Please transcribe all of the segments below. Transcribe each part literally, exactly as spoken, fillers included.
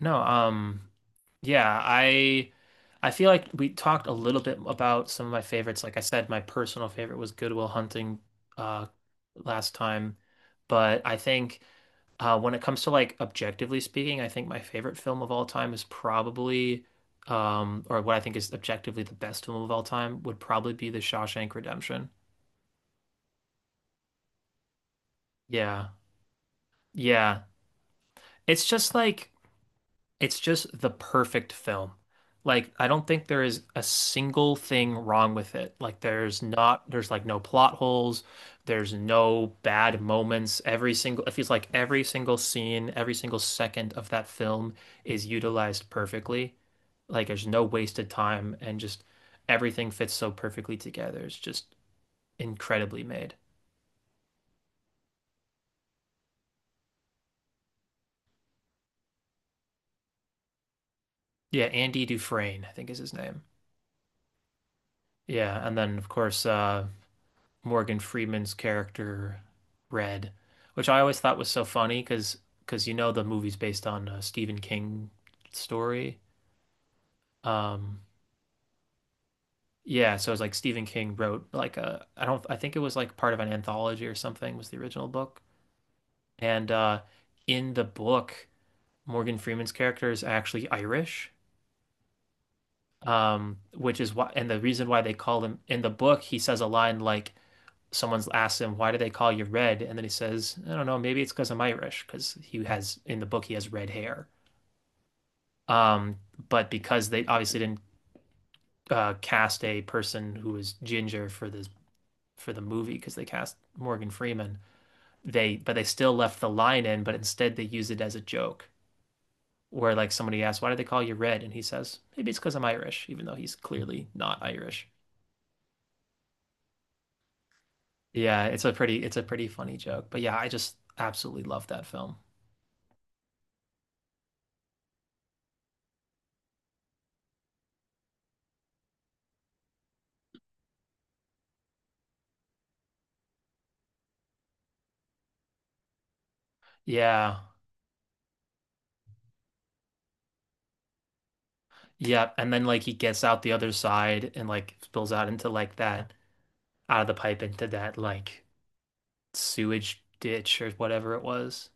No, um, yeah, I I feel like we talked a little bit about some of my favorites. Like I said, my personal favorite was Good Will Hunting uh last time. But I think uh when it comes to like objectively speaking, I think my favorite film of all time is probably um or what I think is objectively the best film of all time would probably be The Shawshank Redemption. Yeah. Yeah. It's just like It's just the perfect film. Like, I don't think there is a single thing wrong with it. Like, there's not, there's like no plot holes. There's no bad moments. Every single, it feels like every single scene, every single second of that film is utilized perfectly. Like, there's no wasted time and just everything fits so perfectly together. It's just incredibly made. Yeah, Andy Dufresne, I think is his name. Yeah, and then of course, uh, Morgan Freeman's character read, which I always thought was so funny because because you know the movie's based on a Stephen King story. Um, yeah, so it's like Stephen King wrote like a I don't I think it was like part of an anthology or something was the original book. And uh, in the book, Morgan Freeman's character is actually Irish, um, which is why and the reason why they call him in the book he says a line like someone's asks him, why do they call you red? And then he says, I don't know, maybe it's because I'm Irish, because he has in the book he has red hair. Um, but because they obviously didn't uh, cast a person who was ginger for this for the movie, because they cast Morgan Freeman, they but they still left the line in, but instead they use it as a joke. Where like somebody asks, why do they call you red? And he says, maybe it's because I'm Irish, even though he's clearly not Irish. Yeah, it's a pretty it's a pretty funny joke. But yeah, I just absolutely love that film. Yeah, yeah, and then like he gets out the other side and like spills out into like that out of the pipe into that like sewage ditch or whatever it was.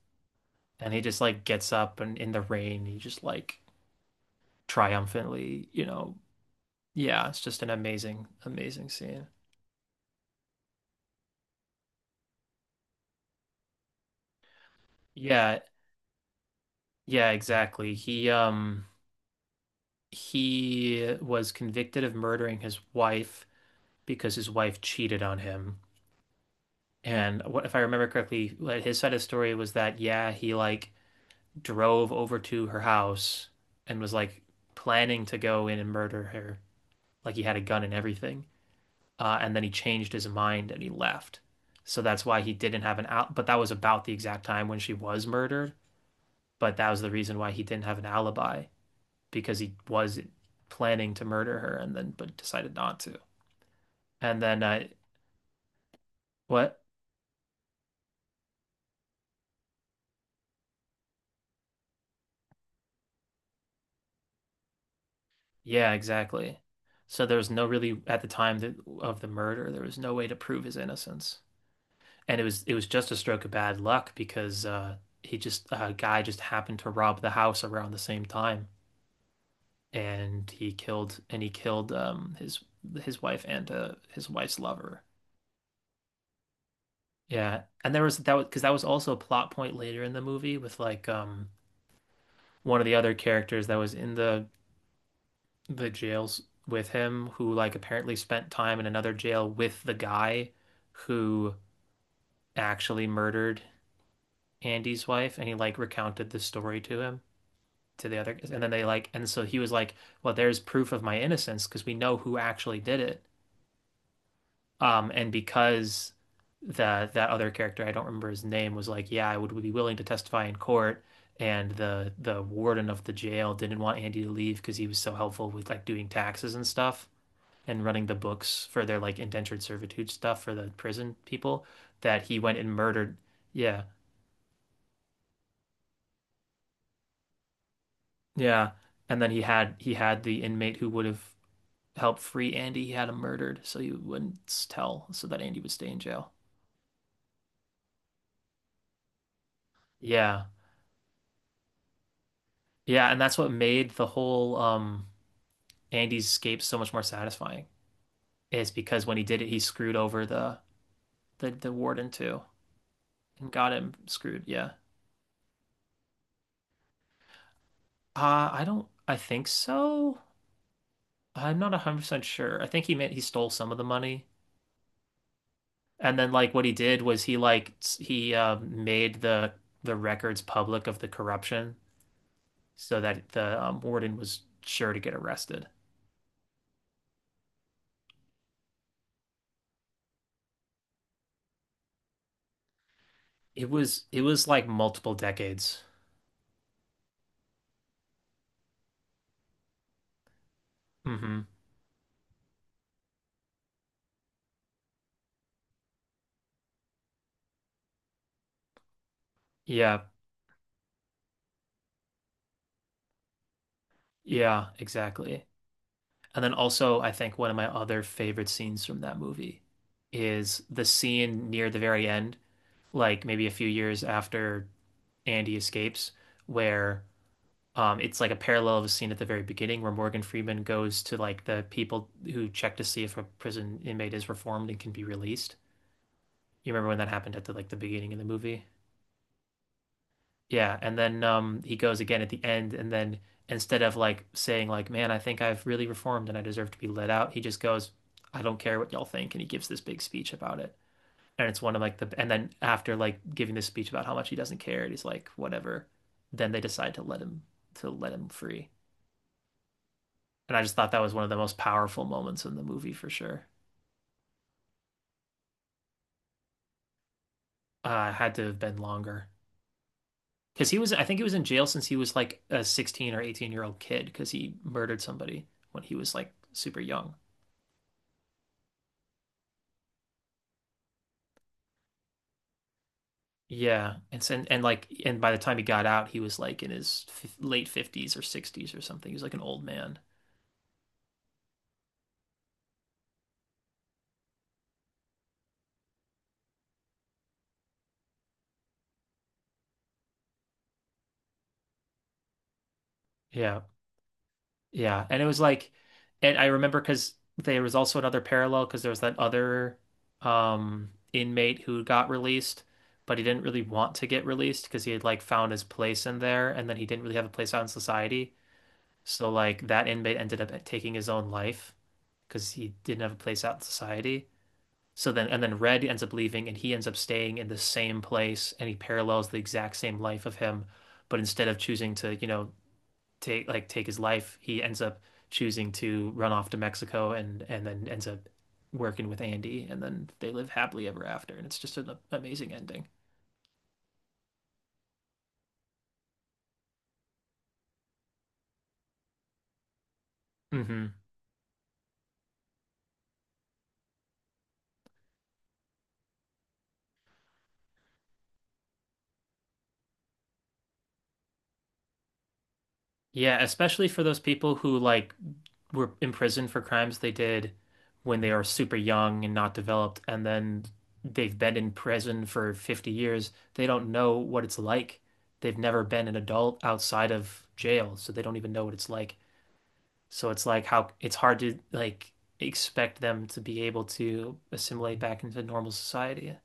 And he just like gets up and in the rain he just like triumphantly, you know. Yeah, it's just an amazing, amazing scene. Yeah, yeah, exactly. He um he was convicted of murdering his wife because his wife cheated on him. And what if I remember correctly, what his side of the story was that yeah, he like drove over to her house and was like planning to go in and murder her. Like he had a gun and everything. Uh, and then he changed his mind and he left. So that's why he didn't have an out. But that was about the exact time when she was murdered. But that was the reason why he didn't have an alibi because he was planning to murder her and then but decided not to. And then uh, what? Yeah, exactly. So there was no really at the time that, of the murder, there was no way to prove his innocence. And it was it was just a stroke of bad luck because uh, he just a guy just happened to rob the house around the same time, and he killed and he killed um, his his wife and uh, his wife's lover. Yeah, and there was that was because that was also a plot point later in the movie with like um, one of the other characters that was in the the jails with him who like apparently spent time in another jail with the guy who actually murdered Andy's wife and he like recounted the story to him. To the other and then they like and so he was like, well, there's proof of my innocence because we know who actually did it. Um and because The that other character, I don't remember his name, was like, yeah, I would be willing to testify in court. And the the warden of the jail didn't want Andy to leave because he was so helpful with like doing taxes and stuff and running the books for their like indentured servitude stuff for the prison people that he went and murdered. Yeah, yeah, and then he had he had the inmate who would have help free Andy. He had him murdered, so he wouldn't tell, so that Andy would stay in jail. Yeah. Yeah, and that's what made the whole um Andy's escape so much more satisfying. Is because when he did it, he screwed over the the, the warden too and got him screwed. Yeah. Uh, I don't I think so. I'm not one hundred percent sure. I think he meant he stole some of the money. And then like what he did was he like he um made the the records public of the corruption so that the um, warden was sure to get arrested. It was it was like multiple decades. Hmm. Yeah. Yeah, exactly. And then also I think one of my other favorite scenes from that movie is the scene near the very end, like maybe a few years after Andy escapes, where um it's like a parallel of a scene at the very beginning where Morgan Freeman goes to like the people who check to see if a prison inmate is reformed and can be released. You remember when that happened at the like the beginning of the movie? Yeah, and then um he goes again at the end and then instead of like saying like, "Man, I think I've really reformed and I deserve to be let out," he just goes, "I don't care what y'all think," and he gives this big speech about it. And it's one of like the and then after like giving this speech about how much he doesn't care, and he's like, "Whatever." Then they decide to let him to let him free. And I just thought that was one of the most powerful moments in the movie for sure. Uh, had to have been longer. Because he was, I think he was in jail since he was like a sixteen or eighteen year old kid because he murdered somebody when he was like super young. Yeah, and s- and and like and by the time he got out, he was like in his f late fifties or sixties or something. He was like an old man. Yeah. Yeah, and it was like and I remember because there was also another parallel because there was that other um inmate who got released, but he didn't really want to get released because he had like found his place in there and then he didn't really have a place out in society. So like that inmate ended up taking his own life because he didn't have a place out in society. So then, and then Red ends up leaving and he ends up staying in the same place and he parallels the exact same life of him. But instead of choosing to, you know, take like take his life, he ends up choosing to run off to Mexico and and then ends up working with Andy and then they live happily ever after. And it's just an amazing ending. Hmm. Yeah, especially for those people who like were imprisoned for crimes they did when they are super young and not developed, and then they've been in prison for fifty years. They don't know what it's like. They've never been an adult outside of jail, so they don't even know what it's like. So it's like how it's hard to like expect them to be able to assimilate back into normal society,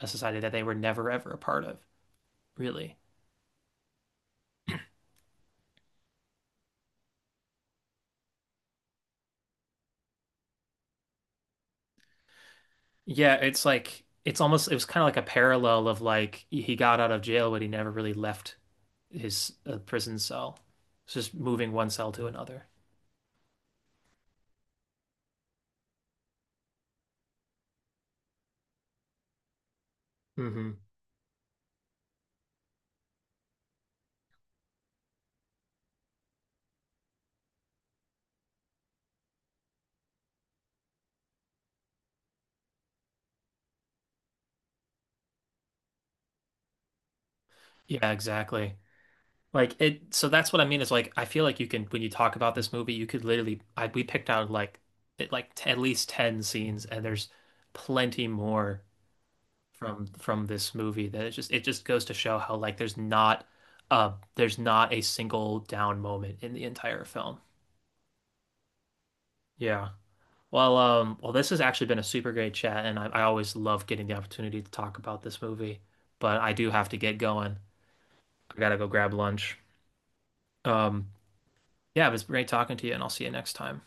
a society that they were never ever a part of, really. Yeah, it's like it's almost it was kind of like a parallel of like he got out of jail, but he never really left his uh, prison cell. It's just moving one cell to another. Hmm. Yeah, exactly. Like it. So that's what I mean is like I feel like you can when you talk about this movie, you could literally I we picked out like it, like t at least ten scenes, and there's plenty more from from this movie that it just it just goes to show how like there's not uh there's not a single down moment in the entire film. Yeah. Well, um, well, this has actually been a super great chat, and I, I always love getting the opportunity to talk about this movie. But I do have to get going. I gotta go grab lunch. Um, yeah, it was great talking to you, and I'll see you next time.